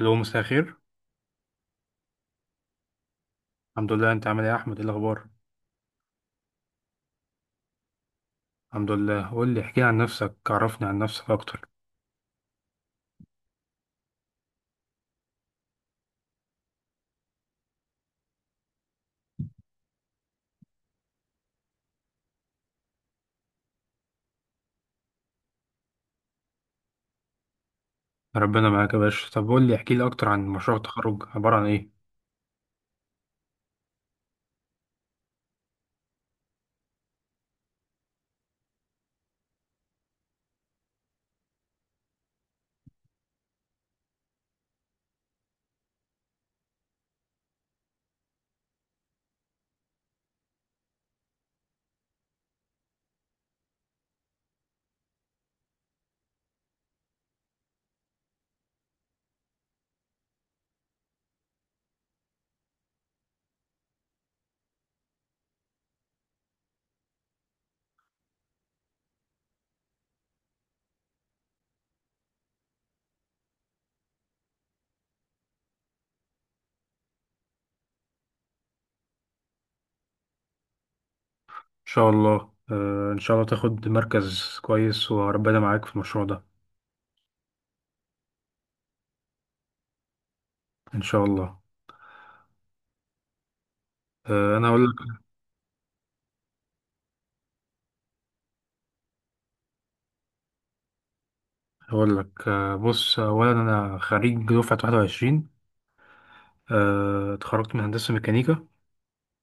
الو، مساء الخير. الحمد لله، انت عامل ايه يا احمد؟ ايه الاخبار؟ الحمد لله. قول لي احكي لي عن نفسك، عرفني عن نفسك اكتر. ربنا معاك يا باشا. طب قول لي احكي لي اكتر عن مشروع التخرج، عبارة عن ايه؟ ان شاء الله. ان شاء الله تاخد مركز كويس، وربنا معاك في المشروع ده. ان شاء الله. انا اقول لك. بص، اولا انا خريج دفعة 21. اتخرجت من هندسة ميكانيكا.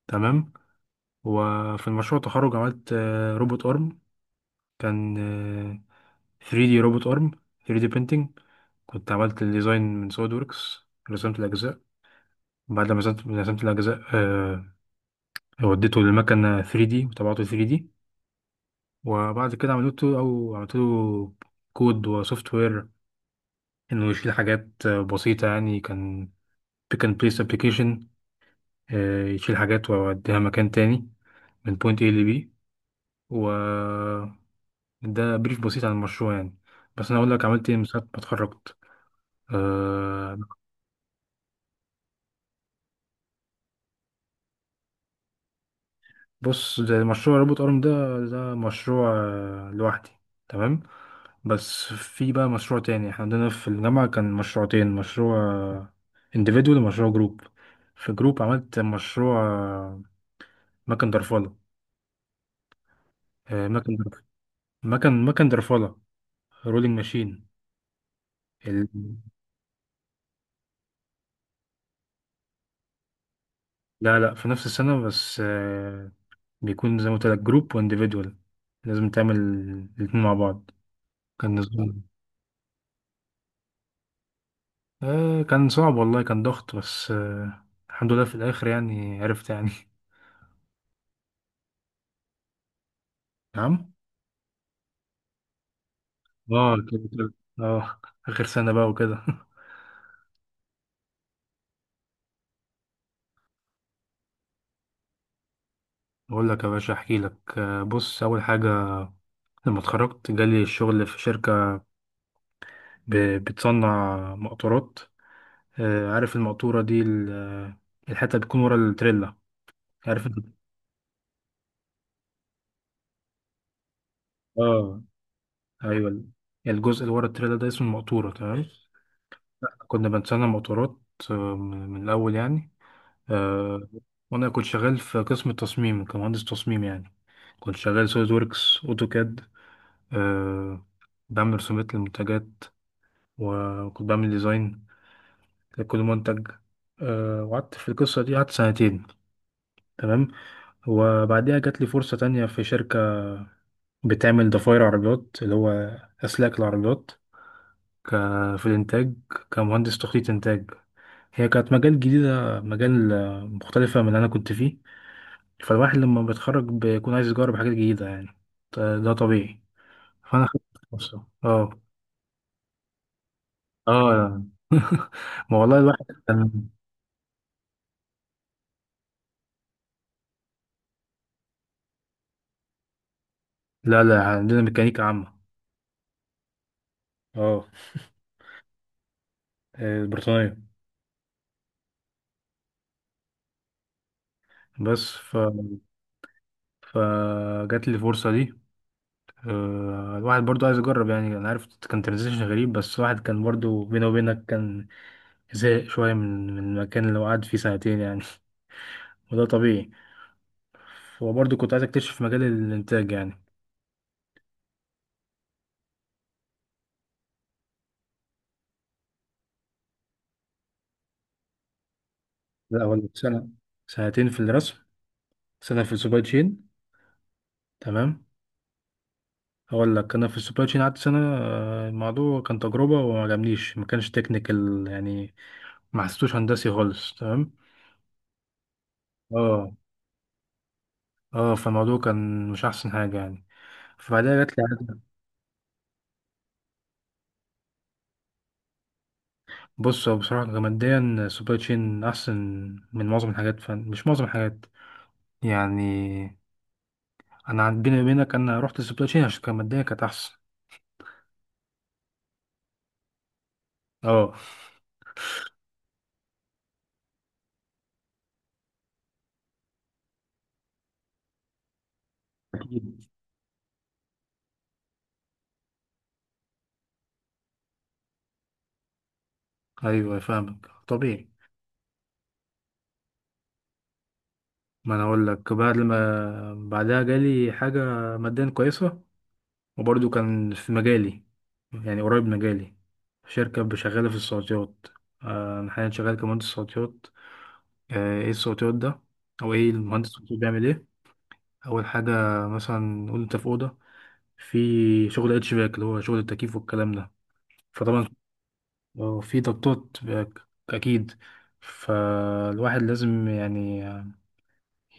تمام. وفي المشروع التخرج عملت روبوت ارم. كان آه، 3D روبوت ارم، 3D printing. كنت عملت الديزاين من سوليد وركس، رسمت الاجزاء. بعد ما رسمت الاجزاء، وديته للمكنه 3D وطبعته 3D. وبعد كده عملت له كود وسوفت وير، انه يشيل حاجات بسيطه، يعني كان pick and place application. يشيل حاجات ويوديها مكان تاني، من point A ل B. و ده بريف بسيط عن المشروع، يعني بس انا اقول لك عملت ايه من ساعه ما اتخرجت. آه، بص، ده مشروع روبوت ارم. ده مشروع لوحدي. تمام. بس في بقى مشروع تاني، احنا عندنا في الجامعة كان مشروعتين: مشروع انديفيدوال ومشروع جروب. في جروب عملت مشروع مكن درفلة. آه، مكن درف- مكن درفلة، رولينج ماشين. ال... لا لا، في نفس السنة، بس بيكون زي ما قلت لك، جروب وانديفيدوال، لازم تعمل الاتنين مع بعض. كان نظام. كان صعب، والله كان ضغط، بس الحمد لله في الآخر، يعني عرفت يعني نعم. اه، كده كده. اه. آخر سنة بقى وكده أقول لك يا باشا، أحكي لك بص، أول حاجة لما اتخرجت جالي الشغل في شركة بتصنع مقطورات. عارف المقطورة دي، الحتة اللي بتكون ورا التريلا، عارف انت؟ اه. أيوه. الجزء اللي ورا التريلا ده اسمه المقطورة، تمام. كنا بنصنع مقطورات من الأول يعني. آه، وانا كنت شغال في قسم التصميم كمهندس تصميم يعني، كنت شغال سوليد ووركس اوتوكاد. أه. بعمل رسومات للمنتجات، وكنت بعمل ديزاين لكل منتج. أه. وقعدت في القصة دي قعدت سنتين. تمام. وبعديها جات لي فرصة تانية في شركة بتعمل ضفاير عربيات، اللي هو أسلاك العربيات، في الإنتاج، كمهندس تخطيط إنتاج. هي كانت مجال جديدة، مجال مختلفة من اللي أنا كنت فيه. فالواحد لما بيتخرج بيكون عايز يجرب حاجات جديدة يعني، ده طبيعي. فأنا خدت فرصة. اه. اه، ما والله الواحد كان. لا لا، عندنا ميكانيكا عامة. اه. بريطانية. بس ف... فجات لي الفرصة دي. الواحد برضو عايز يجرب يعني، أنا عارف كان ترانزيشن غريب، بس الواحد كان برضو بينه وبينك كان زهق شوية من المكان اللي هو قعد فيه سنتين يعني وده طبيعي، وبرضو كنت عايز أكتشف مجال الإنتاج يعني. لا ولا سنة. سنتين في الرسم، سنة في السوبر تشين. تمام. هقول لك، أنا في السوبر تشين قعدت سنة. الموضوع كان تجربة وما عجبنيش، ما كانش تكنيكال يعني، ما حسيتوش هندسي خالص. تمام. اه. اه. فالموضوع كان مش أحسن حاجة يعني، فبعدها جات لي عزة. بص، هو بصراحة كماديا السوبر تشين أحسن من معظم الحاجات، مش معظم الحاجات يعني. بيني وبينك، أنا رحت السوبر تشين عشان كماديا كانت أحسن. اه. أكيد. أيوه، فاهمك طبيعي. ما انا اقول لك، بعد ما بعدها جالي حاجه ماديا كويسه، وبرضه كان في مجالي، يعني قريب مجالي، شركه شغاله في الصوتيات. انا حاليا شغال كمهندس صوتيات. ايه الصوتيات ده؟ او ايه المهندس الصوتي بيعمل ايه؟ اول حاجه، مثلا نقول انت في اوضه، في شغل اتش باك، اللي هو شغل التكييف والكلام ده. فطبعا في ضغطات اكيد، فالواحد لازم يعني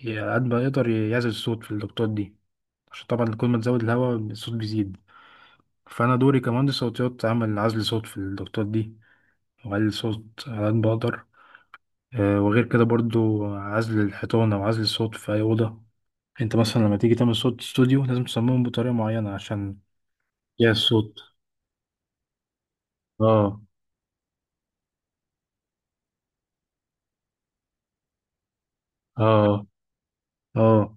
على قد ما يقدر يعزل الصوت في الضغطات دي، عشان طبعا كل ما تزود الهواء الصوت بيزيد. فأنا دوري كمهندس صوتيات أعمل عزل صوت في الضغطات دي، وأقلل صوت على قد ما بقدر. وغير كده برضو عزل الحيطان أو عزل الصوت في أي أوضة. أنت مثلا لما تيجي تعمل صوت استوديو لازم تصممه بطريقة معينة عشان يا الصوت. اه. اه. اه.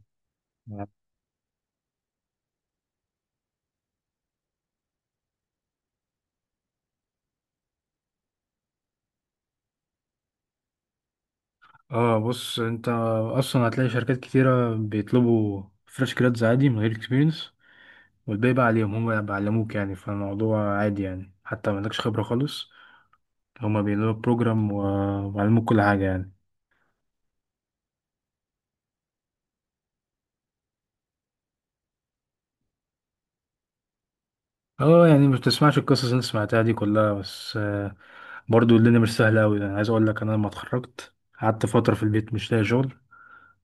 اه. بص، انت اصلا هتلاقي شركات كتيرة بيطلبوا فريش جرادز عادي من غير اكسبيرينس، والباقي بقى عليهم، هم بيعلموك يعني. فالموضوع عادي يعني، حتى ما عندكش خبرة خالص، هما بيعملوا بروجرام و- وعلموك كل حاجة يعني. اه. يعني مش بتسمعش القصص اللي انت سمعتها دي كلها، بس برضو الدنيا مش سهلة أوي يعني. عايز أقول لك، أنا لما اتخرجت قعدت فترة في البيت مش لاقي شغل.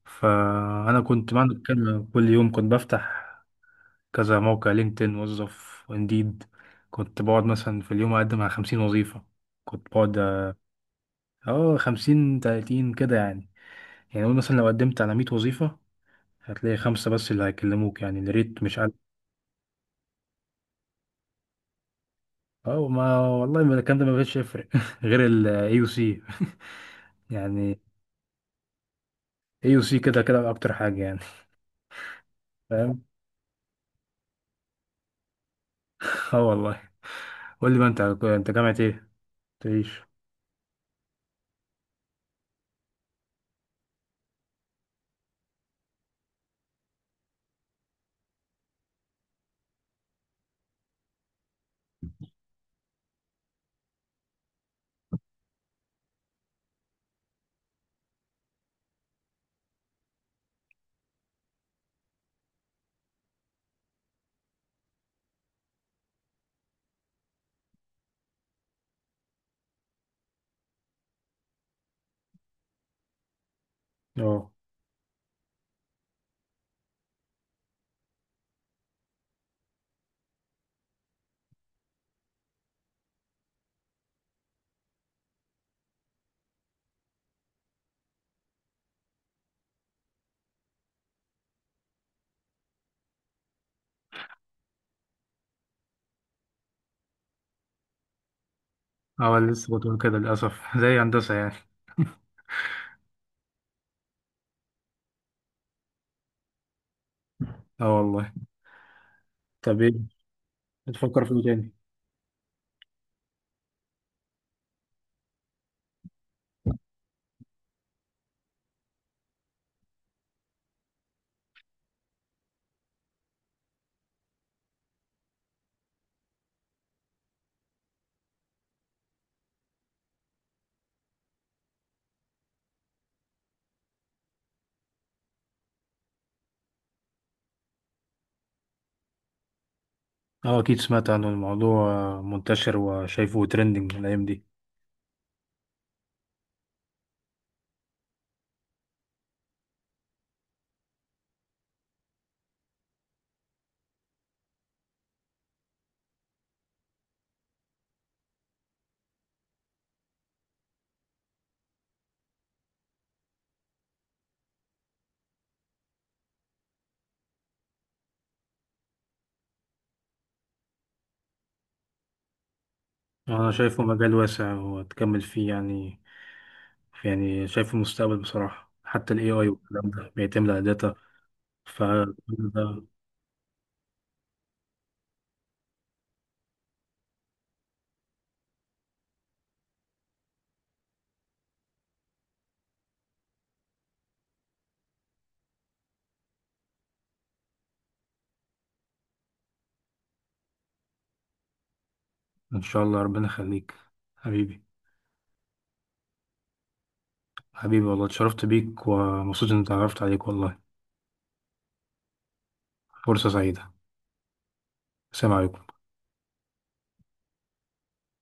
فأنا كنت بعمل كده، كل يوم كنت بفتح كذا موقع، لينكدين، وظف، وانديد. كنت بقعد مثلا في اليوم أقدم على 50 وظيفة. كنت بقعد، اه، 50 30 كده يعني. يعني قول مثلا لو قدمت على 100 وظيفة، هتلاقي خمسة بس اللي هيكلموك، يعني الريت مش. اه، ما والله، ما الكلام ده ما بقتش يفرق غير الاي يو سي يعني. اي يو سي كده كده اكتر حاجه يعني. فاهم. اه، والله. قول لي بقى، انت جامعه ايه؟ تعيش. اه. اه، لسه كنت بقول كده للاسف زي هندسه يعني. اه، والله. طب ايه بتفكر فيه تاني؟ اه، اكيد سمعت عن الموضوع، منتشر وشايفه ترندنج الايام دي. اه، انا شايفه مجال واسع وتكمل فيه يعني، يعني شايفه المستقبل بصراحه، حتى الاي اي والكلام ده بيعتمد على داتا. ف ان شاء الله ربنا يخليك حبيبي. حبيبي والله، اتشرفت بيك ومبسوط اني اتعرفت عليك والله. فرصة سعيدة. السلام عليكم.